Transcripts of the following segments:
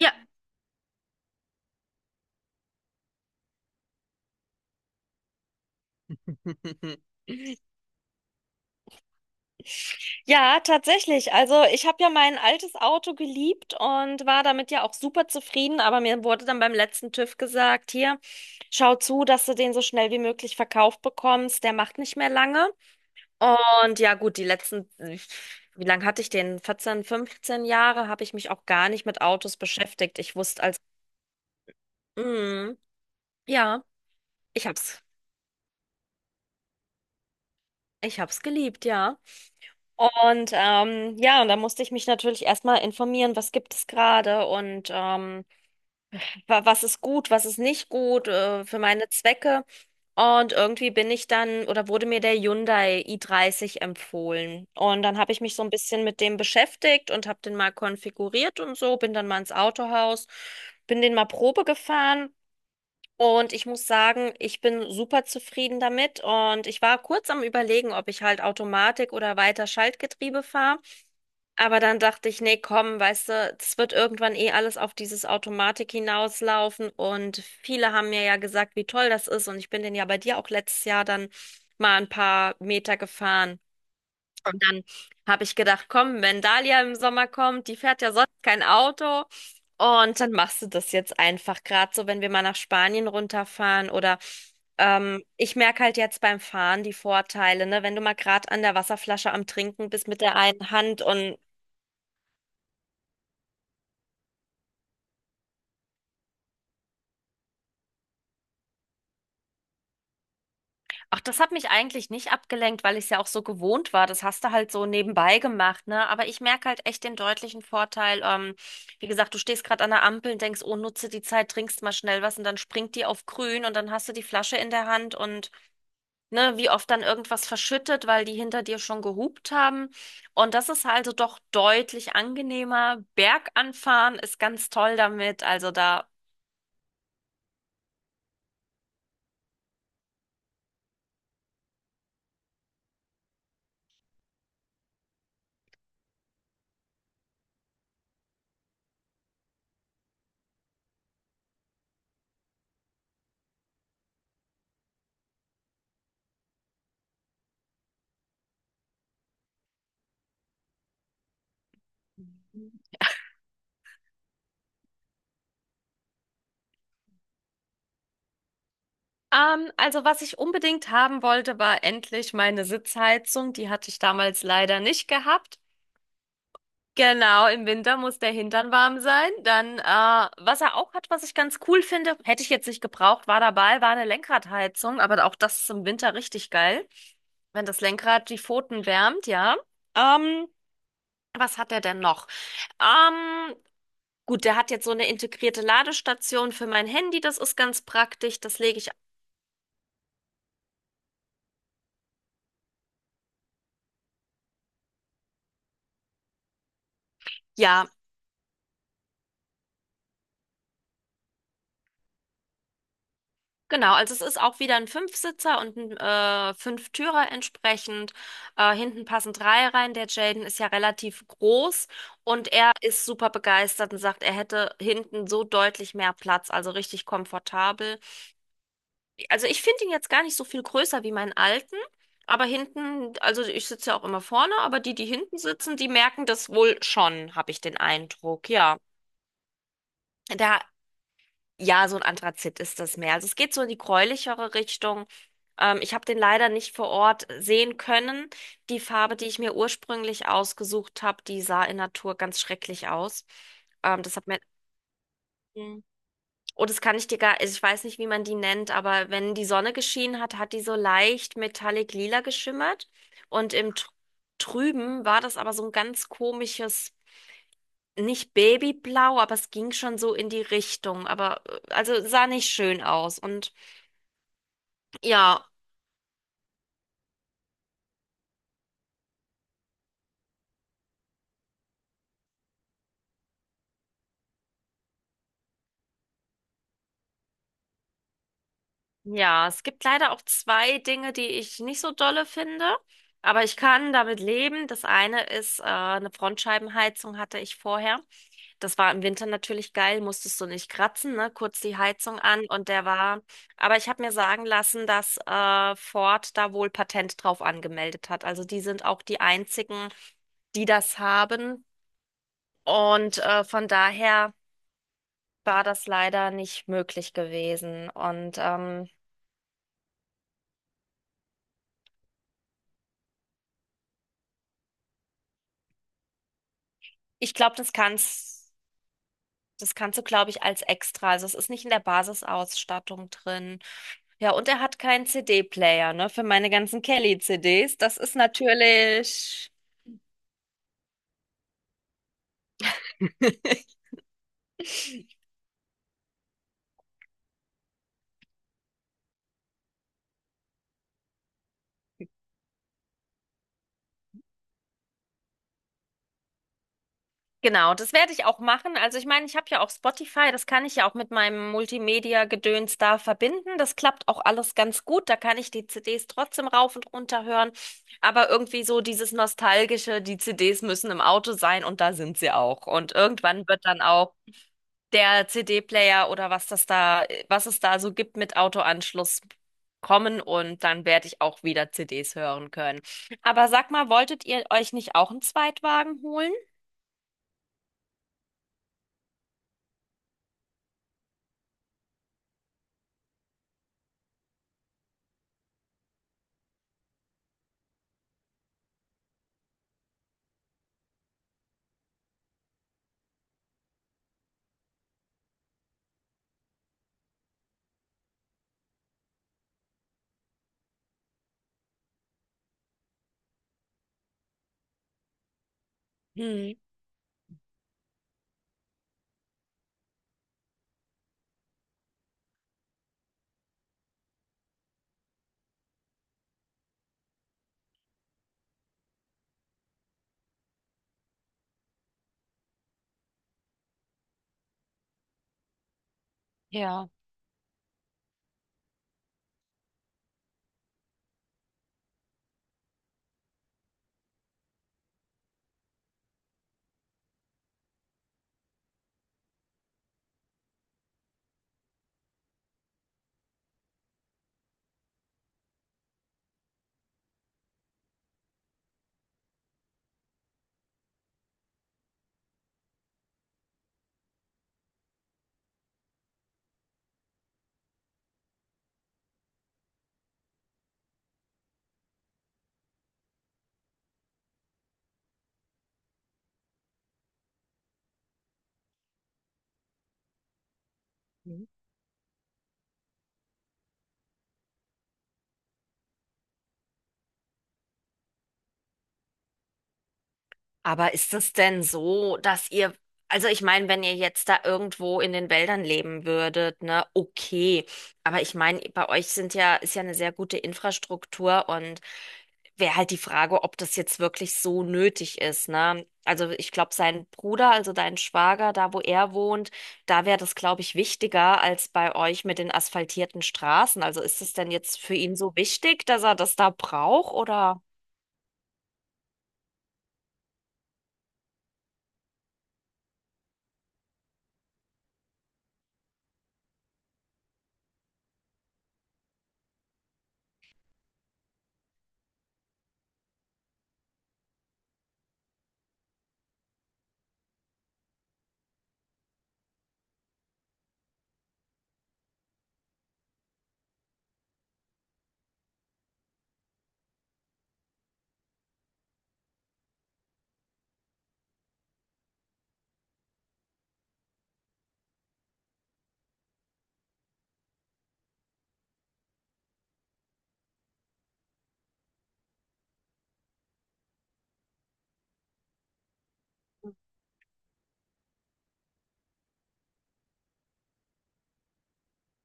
Ja. Ja, tatsächlich. Also ich habe ja mein altes Auto geliebt und war damit ja auch super zufrieden, aber mir wurde dann beim letzten TÜV gesagt, hier, schau zu, dass du den so schnell wie möglich verkauft bekommst, der macht nicht mehr lange. Und ja, gut, die letzten, wie lange hatte ich den? 14, 15 Jahre habe ich mich auch gar nicht mit Autos beschäftigt. Ich wusste als, mm, ja, ich hab's, ich hab's geliebt, ja. Und ja, und da musste ich mich natürlich erstmal informieren, was gibt es gerade und was ist gut, was ist nicht gut für meine Zwecke. Und irgendwie bin ich dann oder wurde mir der Hyundai i30 empfohlen. Und dann habe ich mich so ein bisschen mit dem beschäftigt und habe den mal konfiguriert und so, bin dann mal ins Autohaus, bin den mal Probe gefahren. Und ich muss sagen, ich bin super zufrieden damit. Und ich war kurz am Überlegen, ob ich halt Automatik oder weiter Schaltgetriebe fahre. Aber dann dachte ich, nee, komm, weißt du, es wird irgendwann eh alles auf dieses Automatik hinauslaufen. Und viele haben mir ja gesagt, wie toll das ist. Und ich bin denn ja bei dir auch letztes Jahr dann mal ein paar Meter gefahren. Und dann habe ich gedacht, komm, wenn Dalia im Sommer kommt, die fährt ja sonst kein Auto. Und dann machst du das jetzt einfach gerade so, wenn wir mal nach Spanien runterfahren oder ich merke halt jetzt beim Fahren die Vorteile, ne? Wenn du mal gerade an der Wasserflasche am Trinken bist mit der einen Hand und. Ach, das hat mich eigentlich nicht abgelenkt, weil ich es ja auch so gewohnt war. Das hast du halt so nebenbei gemacht, ne? Aber ich merke halt echt den deutlichen Vorteil. Wie gesagt, du stehst gerade an der Ampel und denkst, oh, nutze die Zeit, trinkst mal schnell was und dann springt die auf grün und dann hast du die Flasche in der Hand und ne, wie oft dann irgendwas verschüttet, weil die hinter dir schon gehupt haben. Und das ist also doch deutlich angenehmer. Berganfahren ist ganz toll damit. Also da. Also was ich unbedingt haben wollte, war endlich meine Sitzheizung. Die hatte ich damals leider nicht gehabt. Genau, im Winter muss der Hintern warm sein. Dann, was er auch hat, was ich ganz cool finde, hätte ich jetzt nicht gebraucht, war dabei, war eine Lenkradheizung, aber auch das ist im Winter richtig geil, wenn das Lenkrad die Pfoten wärmt, ja. Ähm, Was hat er denn noch? Ähm, gut, der hat jetzt so eine integrierte Ladestation für mein Handy, das ist ganz praktisch, das lege ich. Ja, genau, also es ist auch wieder ein Fünfsitzer und ein Fünftürer entsprechend. Hinten passen drei rein. Der Jaden ist ja relativ groß und er ist super begeistert und sagt, er hätte hinten so deutlich mehr Platz, also richtig komfortabel. Also ich finde ihn jetzt gar nicht so viel größer wie meinen alten, aber hinten, also ich sitze ja auch immer vorne, aber die, die hinten sitzen, die merken das wohl schon, habe ich den Eindruck, ja. Da. Ja, so ein Anthrazit ist das mehr. Also es geht so in die gräulichere Richtung. Ich habe den leider nicht vor Ort sehen können. Die Farbe, die ich mir ursprünglich ausgesucht habe, die sah in Natur ganz schrecklich aus. Das hat mir. Mhm. Oh, das kann ich dir gar, also ich weiß nicht, wie man die nennt, aber wenn die Sonne geschienen hat, hat die so leicht metallic lila geschimmert. Und im Trüben war das aber so ein ganz komisches, nicht Babyblau, aber es ging schon so in die Richtung. Aber also sah nicht schön aus. Und. Ja, ja, es gibt leider auch zwei Dinge, die ich nicht so dolle finde, aber ich kann damit leben. Das eine ist, eine Frontscheibenheizung hatte ich vorher. Das war im Winter natürlich geil, musstest du nicht kratzen, ne? Kurz die Heizung an und der war. Aber ich habe mir sagen lassen, dass Ford da wohl Patent drauf angemeldet hat. Also die sind auch die einzigen, die das haben. Und von daher war das leider nicht möglich gewesen. Und ich glaube, das kannst du, glaube ich, als extra. Also es ist nicht in der Basisausstattung drin. Ja, und er hat keinen CD-Player, ne, für meine ganzen Kelly-CDs. Das ist natürlich. Genau, das werde ich auch machen. Also ich meine, ich habe ja auch Spotify, das kann ich ja auch mit meinem Multimedia-Gedöns da verbinden. Das klappt auch alles ganz gut. Da kann ich die CDs trotzdem rauf und runter hören. Aber irgendwie so dieses Nostalgische, die CDs müssen im Auto sein und da sind sie auch. Und irgendwann wird dann auch der CD-Player oder was das da, was es da so gibt mit Autoanschluss kommen und dann werde ich auch wieder CDs hören können. Aber sag mal, wolltet ihr euch nicht auch einen Zweitwagen holen? Hm, ja. Hm. Aber ist es denn so, dass ihr, also ich meine, wenn ihr jetzt da irgendwo in den Wäldern leben würdet, ne, okay. Aber ich meine, bei euch sind ja, ist ja eine sehr gute Infrastruktur und wäre halt die Frage, ob das jetzt wirklich so nötig ist, ne? Also ich glaube, sein Bruder, also dein Schwager, da wo er wohnt, da wäre das, glaube ich, wichtiger als bei euch mit den asphaltierten Straßen. Also ist es denn jetzt für ihn so wichtig, dass er das da braucht oder?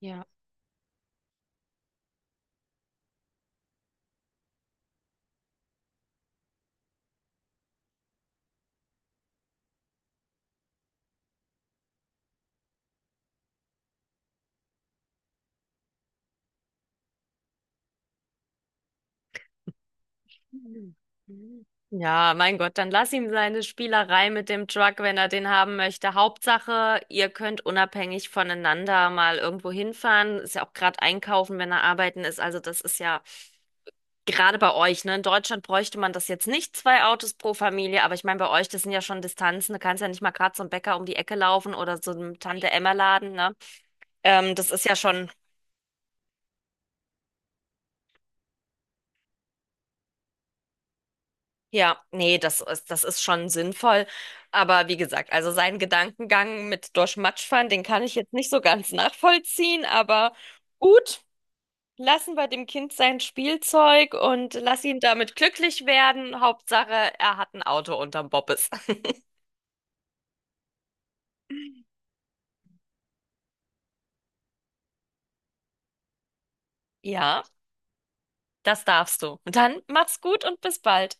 Ja. Mhm. Mhm. Ja, mein Gott, dann lass ihm seine Spielerei mit dem Truck, wenn er den haben möchte. Hauptsache, ihr könnt unabhängig voneinander mal irgendwo hinfahren. Ist ja auch gerade einkaufen, wenn er arbeiten ist. Also das ist ja. Gerade bei euch, ne? In Deutschland bräuchte man das jetzt nicht, zwei Autos pro Familie, aber ich meine, bei euch, das sind ja schon Distanzen, du kannst ja nicht mal gerade zum Bäcker um die Ecke laufen oder so einem Tante-Emma-Laden, ne? Das ist ja schon, ja, nee, das ist schon sinnvoll. Aber wie gesagt, also seinen Gedankengang mit durch Matsch fahren, den kann ich jetzt nicht so ganz nachvollziehen, aber gut, lassen wir dem Kind sein Spielzeug und lass ihn damit glücklich werden. Hauptsache, er hat ein Auto unterm Bobbes. Ja. Das darfst du. Und dann mach's gut und bis bald.